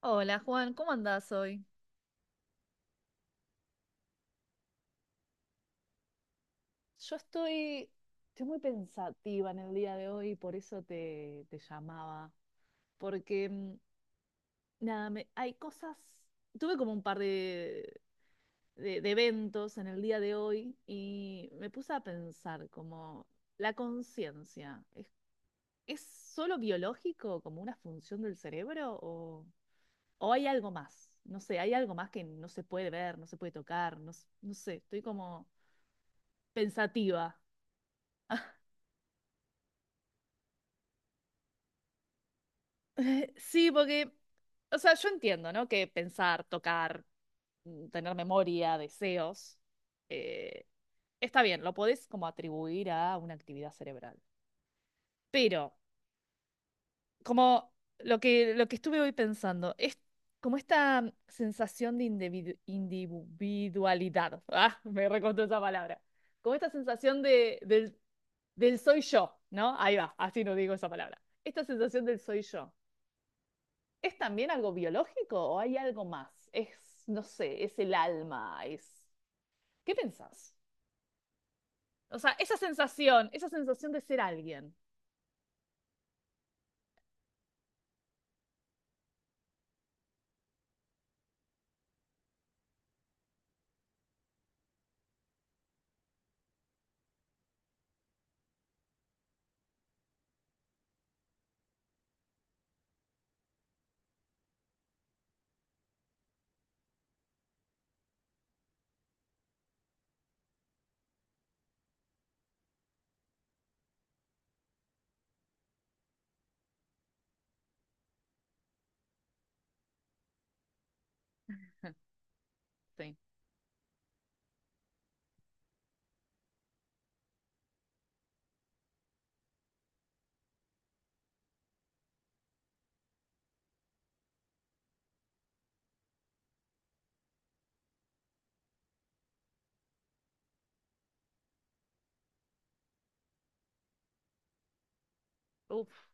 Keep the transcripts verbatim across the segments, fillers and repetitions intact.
Hola Juan, ¿cómo andás hoy? Yo estoy, estoy muy pensativa en el día de hoy, y por eso te, te llamaba. Porque, mm, nada, me- hay cosas. Tuve como un par de, de- de eventos en el día de hoy y me puse a pensar como la conciencia, ¿es, es solo biológico, como una función del cerebro o, o hay algo más? No sé, hay algo más que no se puede ver, no se puede tocar, no, s- no sé, estoy como pensativa. Eh, Sí, porque, o sea, yo entiendo, ¿no? Que pensar, tocar, mm, tener memoria, deseos, eh, está bien, lo podés como atribuir a una actividad cerebral. Pero, como lo que, lo que estuve hoy pensando, es como esta mm, sensación de individu- individualidad. Ah, me recostó esa palabra. Como esta sensación de, del, del soy yo, ¿no? Ahí va, así no digo esa palabra. Esta sensación del soy yo. ¿Es también algo biológico o hay algo más? Es, no sé, es el alma, es... ¿Qué pensás? O sea, esa sensación, esa sensación de ser alguien. Sí. Uf.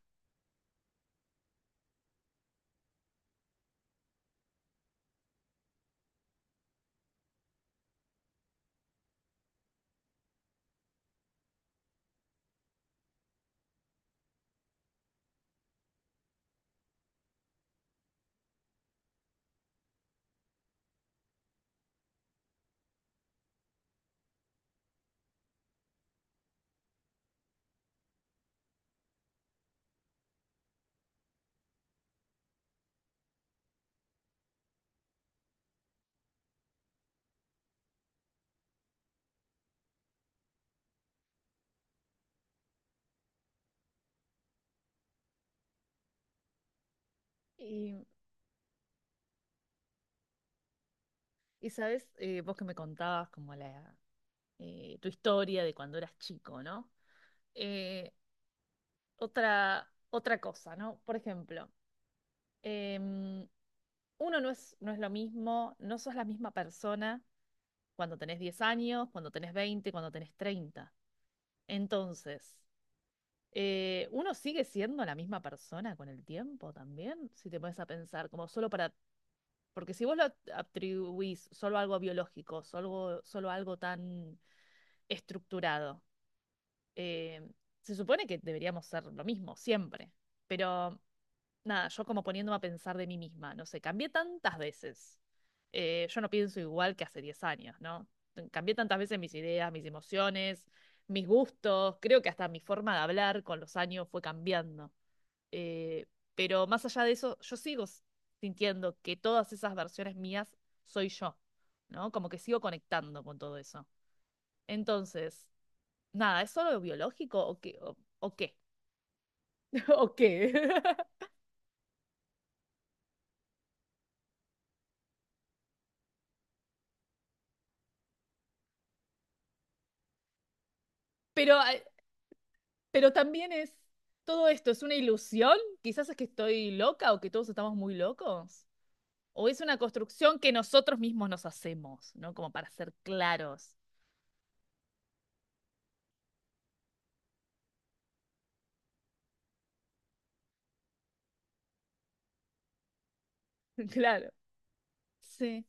Y, y sabes, eh, vos que me contabas como la, eh, tu historia de cuando eras chico, ¿no? Eh, otra, otra cosa, ¿no? Por ejemplo, em, uno no es, no es lo mismo, no sos la misma persona cuando tenés diez años, cuando tenés veinte, cuando tenés treinta. Entonces, Eh, uno sigue siendo la misma persona con el tiempo también, si te pones a pensar, como solo para, porque si vos lo atribuís solo a algo biológico, solo, solo a algo tan estructurado, eh, se supone que deberíamos ser lo mismo siempre, pero nada, yo como poniéndome a pensar de mí misma, no sé, cambié tantas veces. Eh, yo no pienso igual que hace diez años, ¿no? Cambié tantas veces mis ideas, mis emociones, mis gustos, creo que hasta mi forma de hablar con los años fue cambiando. Eh, pero más allá de eso, yo sigo s- sintiendo que todas esas versiones mías soy yo, ¿no? Como que sigo conectando con todo eso. Entonces, nada, ¿es solo biológico o qué? ¿O, o qué? ¿O qué? Pero eh, Pero también es, todo esto es una ilusión, quizás es que estoy loca o que todos estamos muy locos, o es una construcción que nosotros mismos nos hacemos, ¿no? Como para ser claros. Claro. Sí,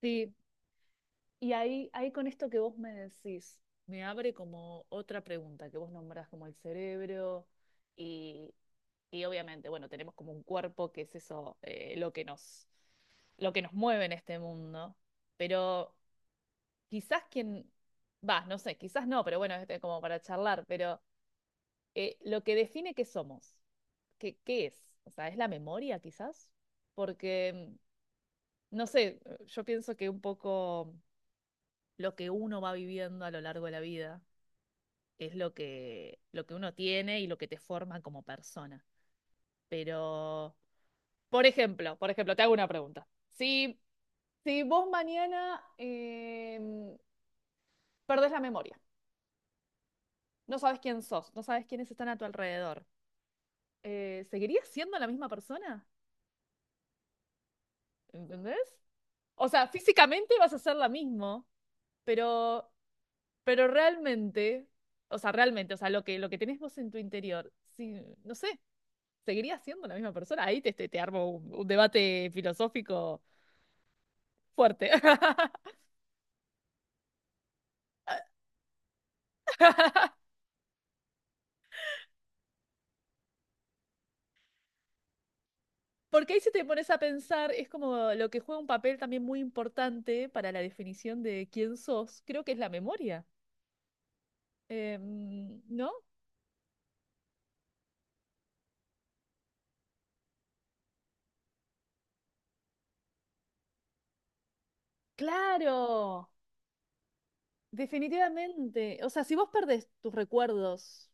sí. Y ahí, ahí con esto que vos me decís, me abre como otra pregunta que vos nombrás como el cerebro y, y obviamente, bueno, tenemos como un cuerpo que es eso, eh, lo que nos, lo que nos mueve en este mundo, pero quizás quien, va, no sé, quizás no, pero bueno, este, como para charlar, pero eh, lo que define qué somos, qué, qué es, o sea, es la memoria quizás, porque, mm, no sé, yo pienso que un poco lo que uno va viviendo a lo largo de la vida es lo que, lo que uno tiene y lo que te forma como persona. Pero, por ejemplo, por ejemplo, te hago una pregunta. Si, si vos mañana eh, perdés la memoria, no sabes quién sos, no sabes quiénes están a tu alrededor, eh, ¿seguirías siendo la misma persona? ¿Entendés? O sea, físicamente vas a ser la misma, pero, pero realmente, o sea, realmente, o sea, lo que, lo que tenés vos en tu interior, sí, no sé, ¿seguirías siendo la misma persona? Ahí te, te, te armo un, un debate filosófico fuerte. Porque ahí si te pones a pensar, es como lo que juega un papel también muy importante para la definición de quién sos, creo que es la memoria. Em, ¿no? Claro. Definitivamente. O sea, si vos perdés tus recuerdos,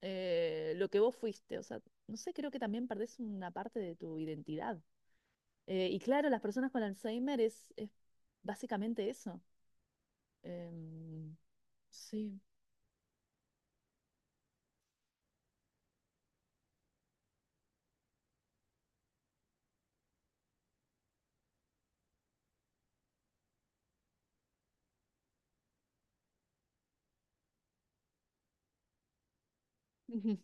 eh, lo que vos fuiste, o sea, no sé, creo que también perdés una parte de tu identidad. Eh, y claro, las personas con Alzheimer es, es básicamente eso. Em, sí. Ujú.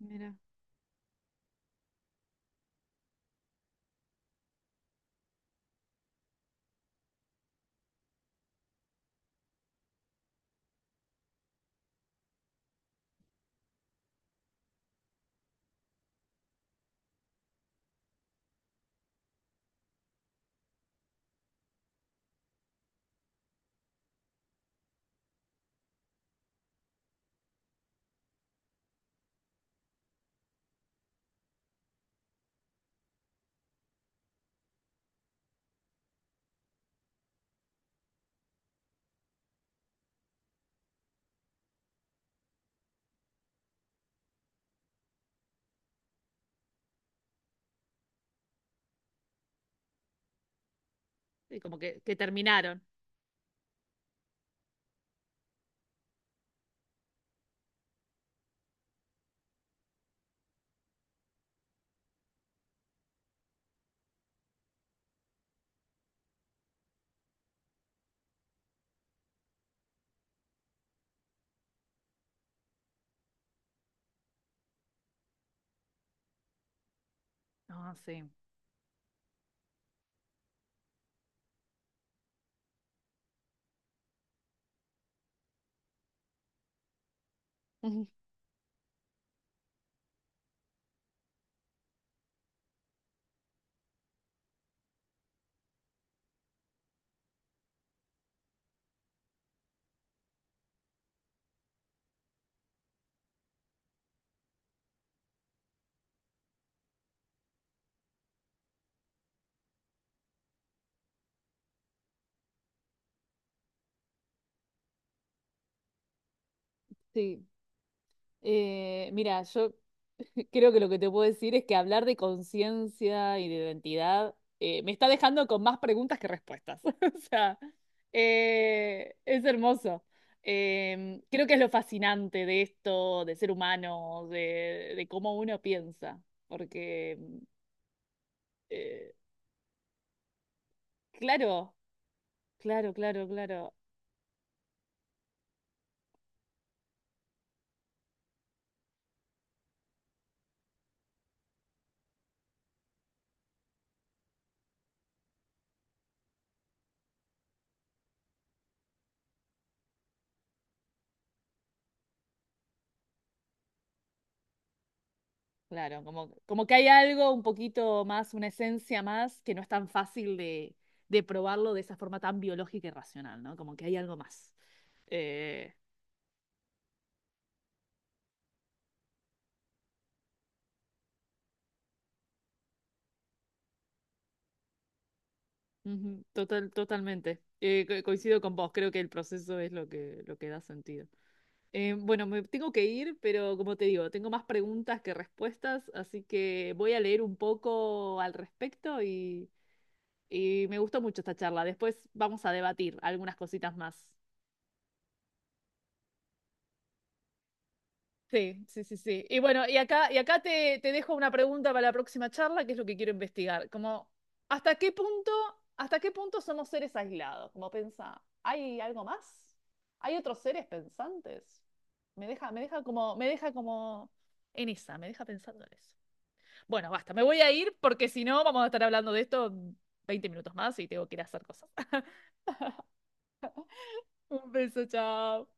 Mira, sí, como que, que terminaron. No, sí. Ujú. Sí. Eh, mira, yo creo que lo que te puedo decir es que hablar de conciencia y de identidad eh, me está dejando con más preguntas que respuestas. O sea, eh, es hermoso. Eh, creo que es lo fascinante de esto, de ser humano, de, de cómo uno piensa. Porque, eh, claro, claro, claro, claro. Claro, como, como que hay algo un poquito más, una esencia más, que no es tan fácil de, de probarlo de esa forma tan biológica y racional, ¿no? Como que hay algo más. Eh, ujú, total, totalmente. Eh, co- coincido con vos, creo que el proceso es lo que, lo que da sentido. Eh, bueno, me tengo que ir, pero como te digo, tengo más preguntas que respuestas, así que voy a leer un poco al respecto y, y me gustó mucho esta charla. Después vamos a debatir algunas cositas más. Sí, sí, sí, sí. Y bueno, y acá, y acá te, te dejo una pregunta para la próxima charla, que es lo que quiero investigar. Como, ¿hasta qué punto, hasta qué punto somos seres aislados? Como pensa, ¿hay algo más? ¿Hay otros seres pensantes? Me deja, me deja como, me deja como en esa, me deja pensando en eso. Bueno, basta, me voy a ir porque si no vamos a estar hablando de esto veinte minutos más y tengo que ir a hacer cosas. Un beso, chao.